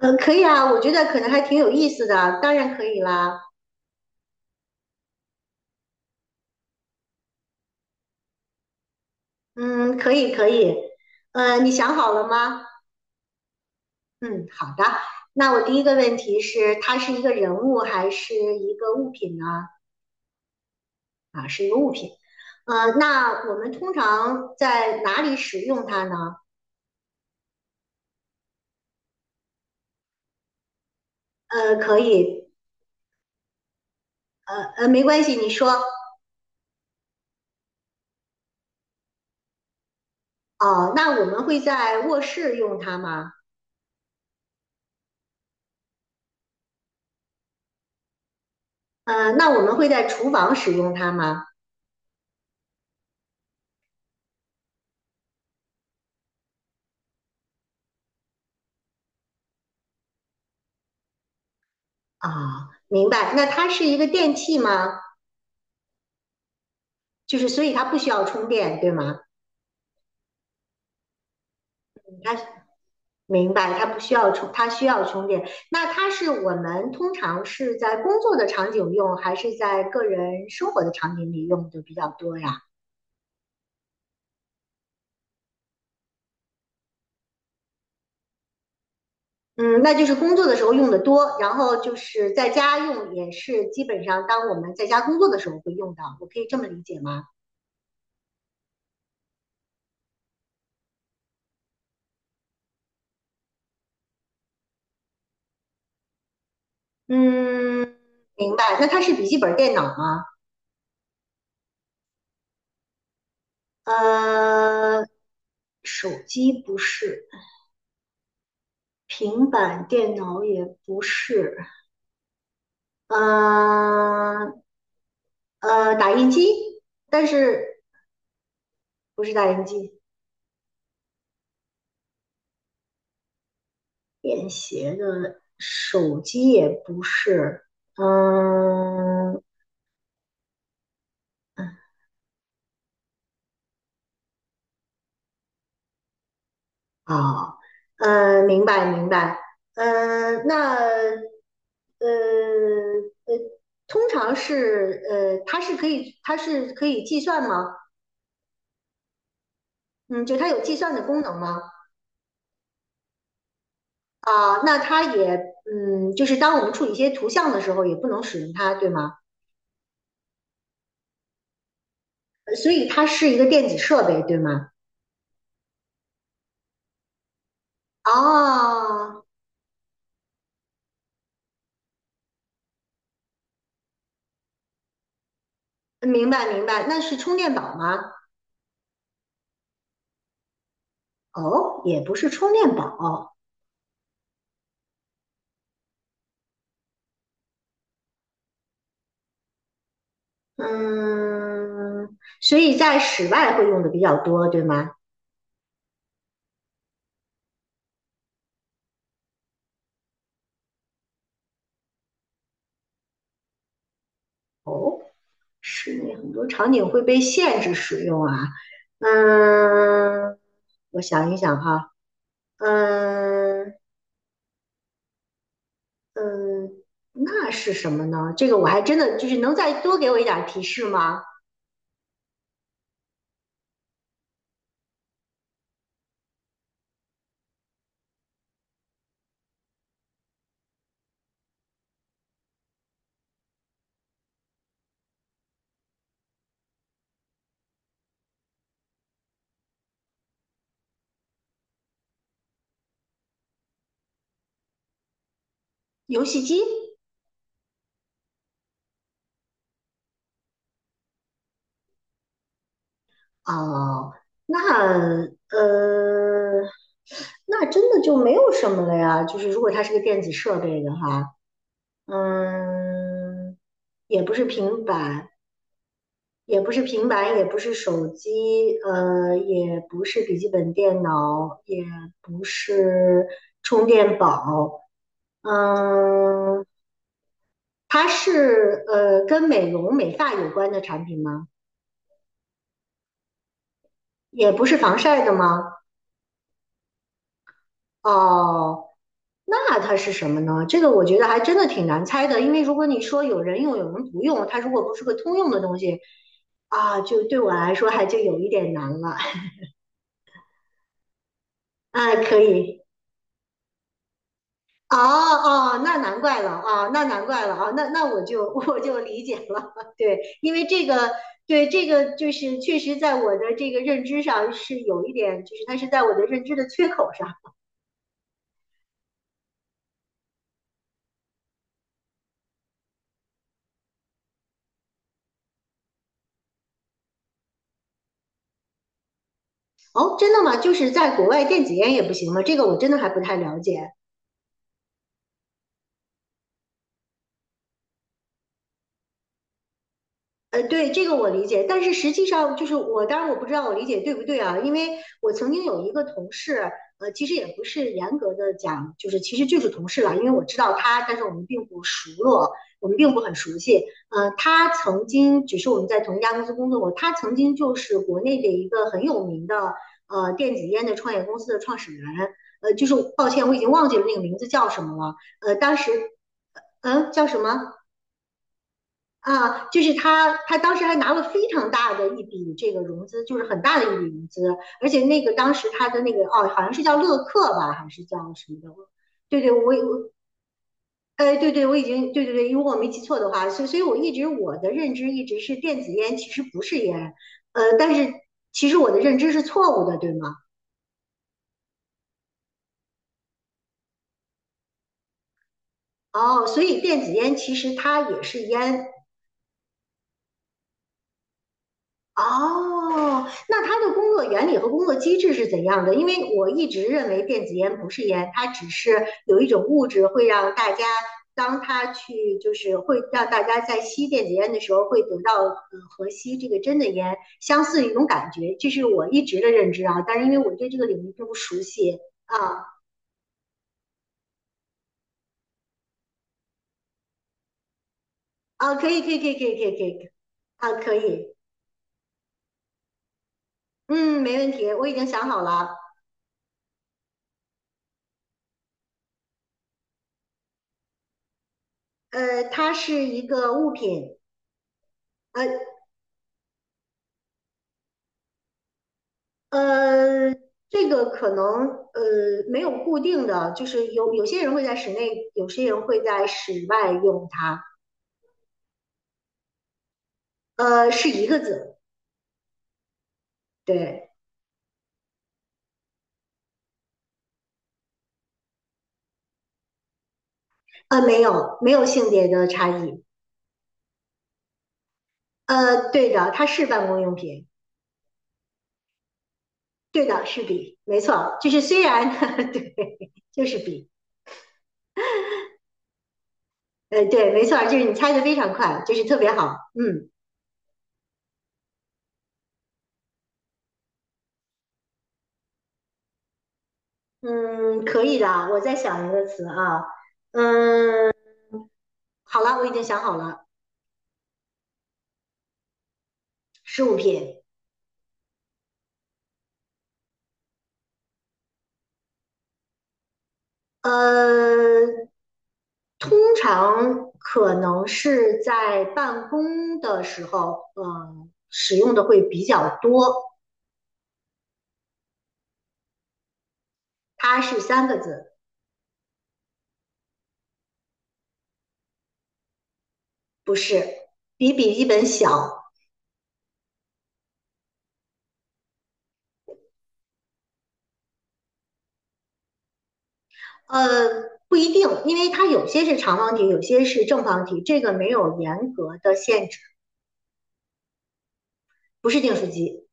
嗯，可以啊，我觉得可能还挺有意思的，当然可以啦。嗯，可以可以。你想好了吗？嗯，好的。那我第一个问题是，它是一个人物还是一个物品呢？啊，是一个物品。那我们通常在哪里使用它呢？可以。没关系，你说。哦，那我们会在卧室用它吗？那我们会在厨房使用它吗？啊，明白。那它是一个电器吗？就是所以它不需要充电，对吗？它明白，它不需要充，它需要充电。那它是我们通常是在工作的场景用，还是在个人生活的场景里用的比较多呀？嗯，那就是工作的时候用的多，然后就是在家用也是基本上当我们在家工作的时候会用到，我可以这么理解吗？嗯，明白。那它是笔记本电脑吗？呃，手机不是，平板电脑也不是。呃打印机，但是不是打印机，便携的手机也不是。嗯，哦，明白明白。呃，那呃呃，通常是呃，它是可以计算吗？嗯，就它有计算的功能吗？啊，那它也嗯，就是当我们处理一些图像的时候，也不能使用它，对吗？所以它是一个电子设备，对吗？哦，明白明白，那是充电宝吗？哦，也不是充电宝。嗯，所以在室外会用的比较多，对吗？室内很多场景会被限制使用啊。嗯，我想一想哈。嗯嗯，那是什么呢？这个我还真的就是能再多给我一点提示吗？游戏机。哦，那呃，那真的就没有什么了呀。就是如果它是个电子设备的话，嗯，也不是平板，也不是平板，也不是手机，也不是笔记本电脑，也不是充电宝。嗯，它是跟美容美发有关的产品吗？也不是防晒的吗？哦，那它是什么呢？这个我觉得还真的挺难猜的，因为如果你说有人用，有人不用，它如果不是个通用的东西啊，就对我来说还就有一点难了。啊，可以。哦哦，那难怪了啊，那难怪了啊，那我就 我就理解了。对，因为这个，对这个就是确实在我的这个认知上是有一点，就是它是在我的认知的缺口上。哦，真的吗？就是在国外电子烟也不行吗？这个我真的还不太了解。对，这个我理解，但是实际上就是我，当然我不知道我理解对不对啊，因为我曾经有一个同事。其实也不是严格的讲，就是其实就是同事了，因为我知道他，但是我们并不熟络，我们并不很熟悉。他曾经只是我们在同一家公司工作过，他曾经就是国内的一个很有名的电子烟的创业公司的创始人。就是抱歉，我已经忘记了那个名字叫什么了。呃，当时，嗯、呃叫什么？啊，就是他，当时还拿了非常大的一笔这个融资，就是很大的一笔融资，而且那个当时他的那个哦，好像是叫乐客吧，还是叫什么的？对对，我哎，对对，我已经对对对，如果我没记错的话，所以我的认知一直是电子烟其实不是烟。但是其实我的认知是错误的，对吗？哦，所以电子烟其实它也是烟。哦，那它的工作原理和工作机制是怎样的？因为我一直认为电子烟不是烟，它只是有一种物质会让大家，当它去就是会让大家在吸电子烟的时候会得到和吸这个真的烟相似的一种感觉，这是我一直的认知啊。但是因为我对这个领域并不熟悉啊啊，可以可以可以可以可以可以。啊，可以。嗯，没问题，我已经想好了。它是一个物品。呃，呃，这个可能没有固定的，就是有些人会在室内，有些人会在室外用它。是一个字。对，没有性别的差异。对的，它是办公用品。对的，是笔，没错，就是虽然 对，就是笔。对，没错，就是你猜的非常快，就是特别好。嗯嗯，可以的，我再想一个词啊。嗯，好了，我已经想好了。十五品。呃，通常可能是在办公的时候，使用的会比较多。它是三个字。不是，比笔记本小。不一定，因为它有些是长方体，有些是正方体，这个没有严格的限制。不是订书机。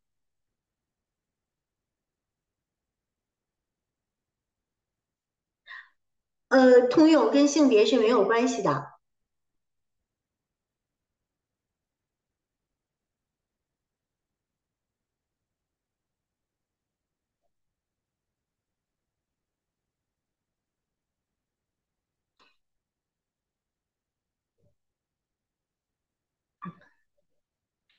通用跟性别是没有关系的。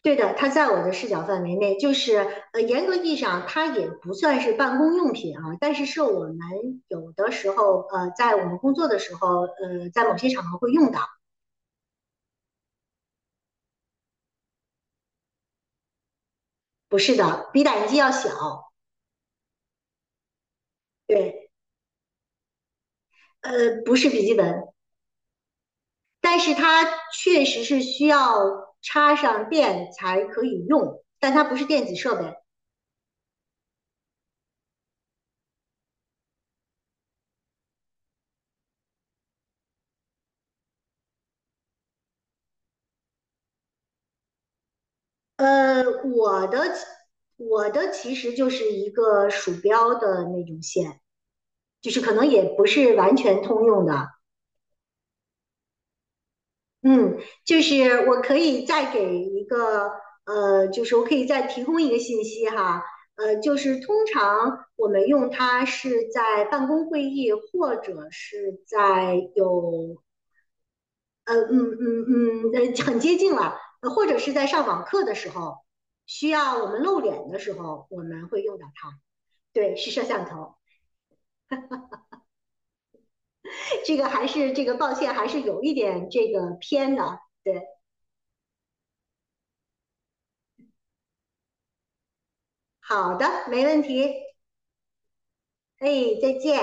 对的，它在我的视角范围内，就是严格意义上它也不算是办公用品啊，但是是我们有的时候在我们工作的时候，在某些场合会用到。不是的，比打印机要小。对，呃，不是笔记本，但是它确实是需要插上电才可以用，但它不是电子设备。呃，我的我的其实就是一个鼠标的那种线，就是可能也不是完全通用的。嗯，就是我可以再给一个呃，就是我可以再提供一个信息哈。就是通常我们用它是在办公会议或者是在有呃嗯嗯嗯呃很接近了，或者是在上网课的时候，需要我们露脸的时候，我们会用到它。对，是摄像头。这个还是这个，抱歉，还是有一点这个偏的。对，好的，没问题。哎，再见。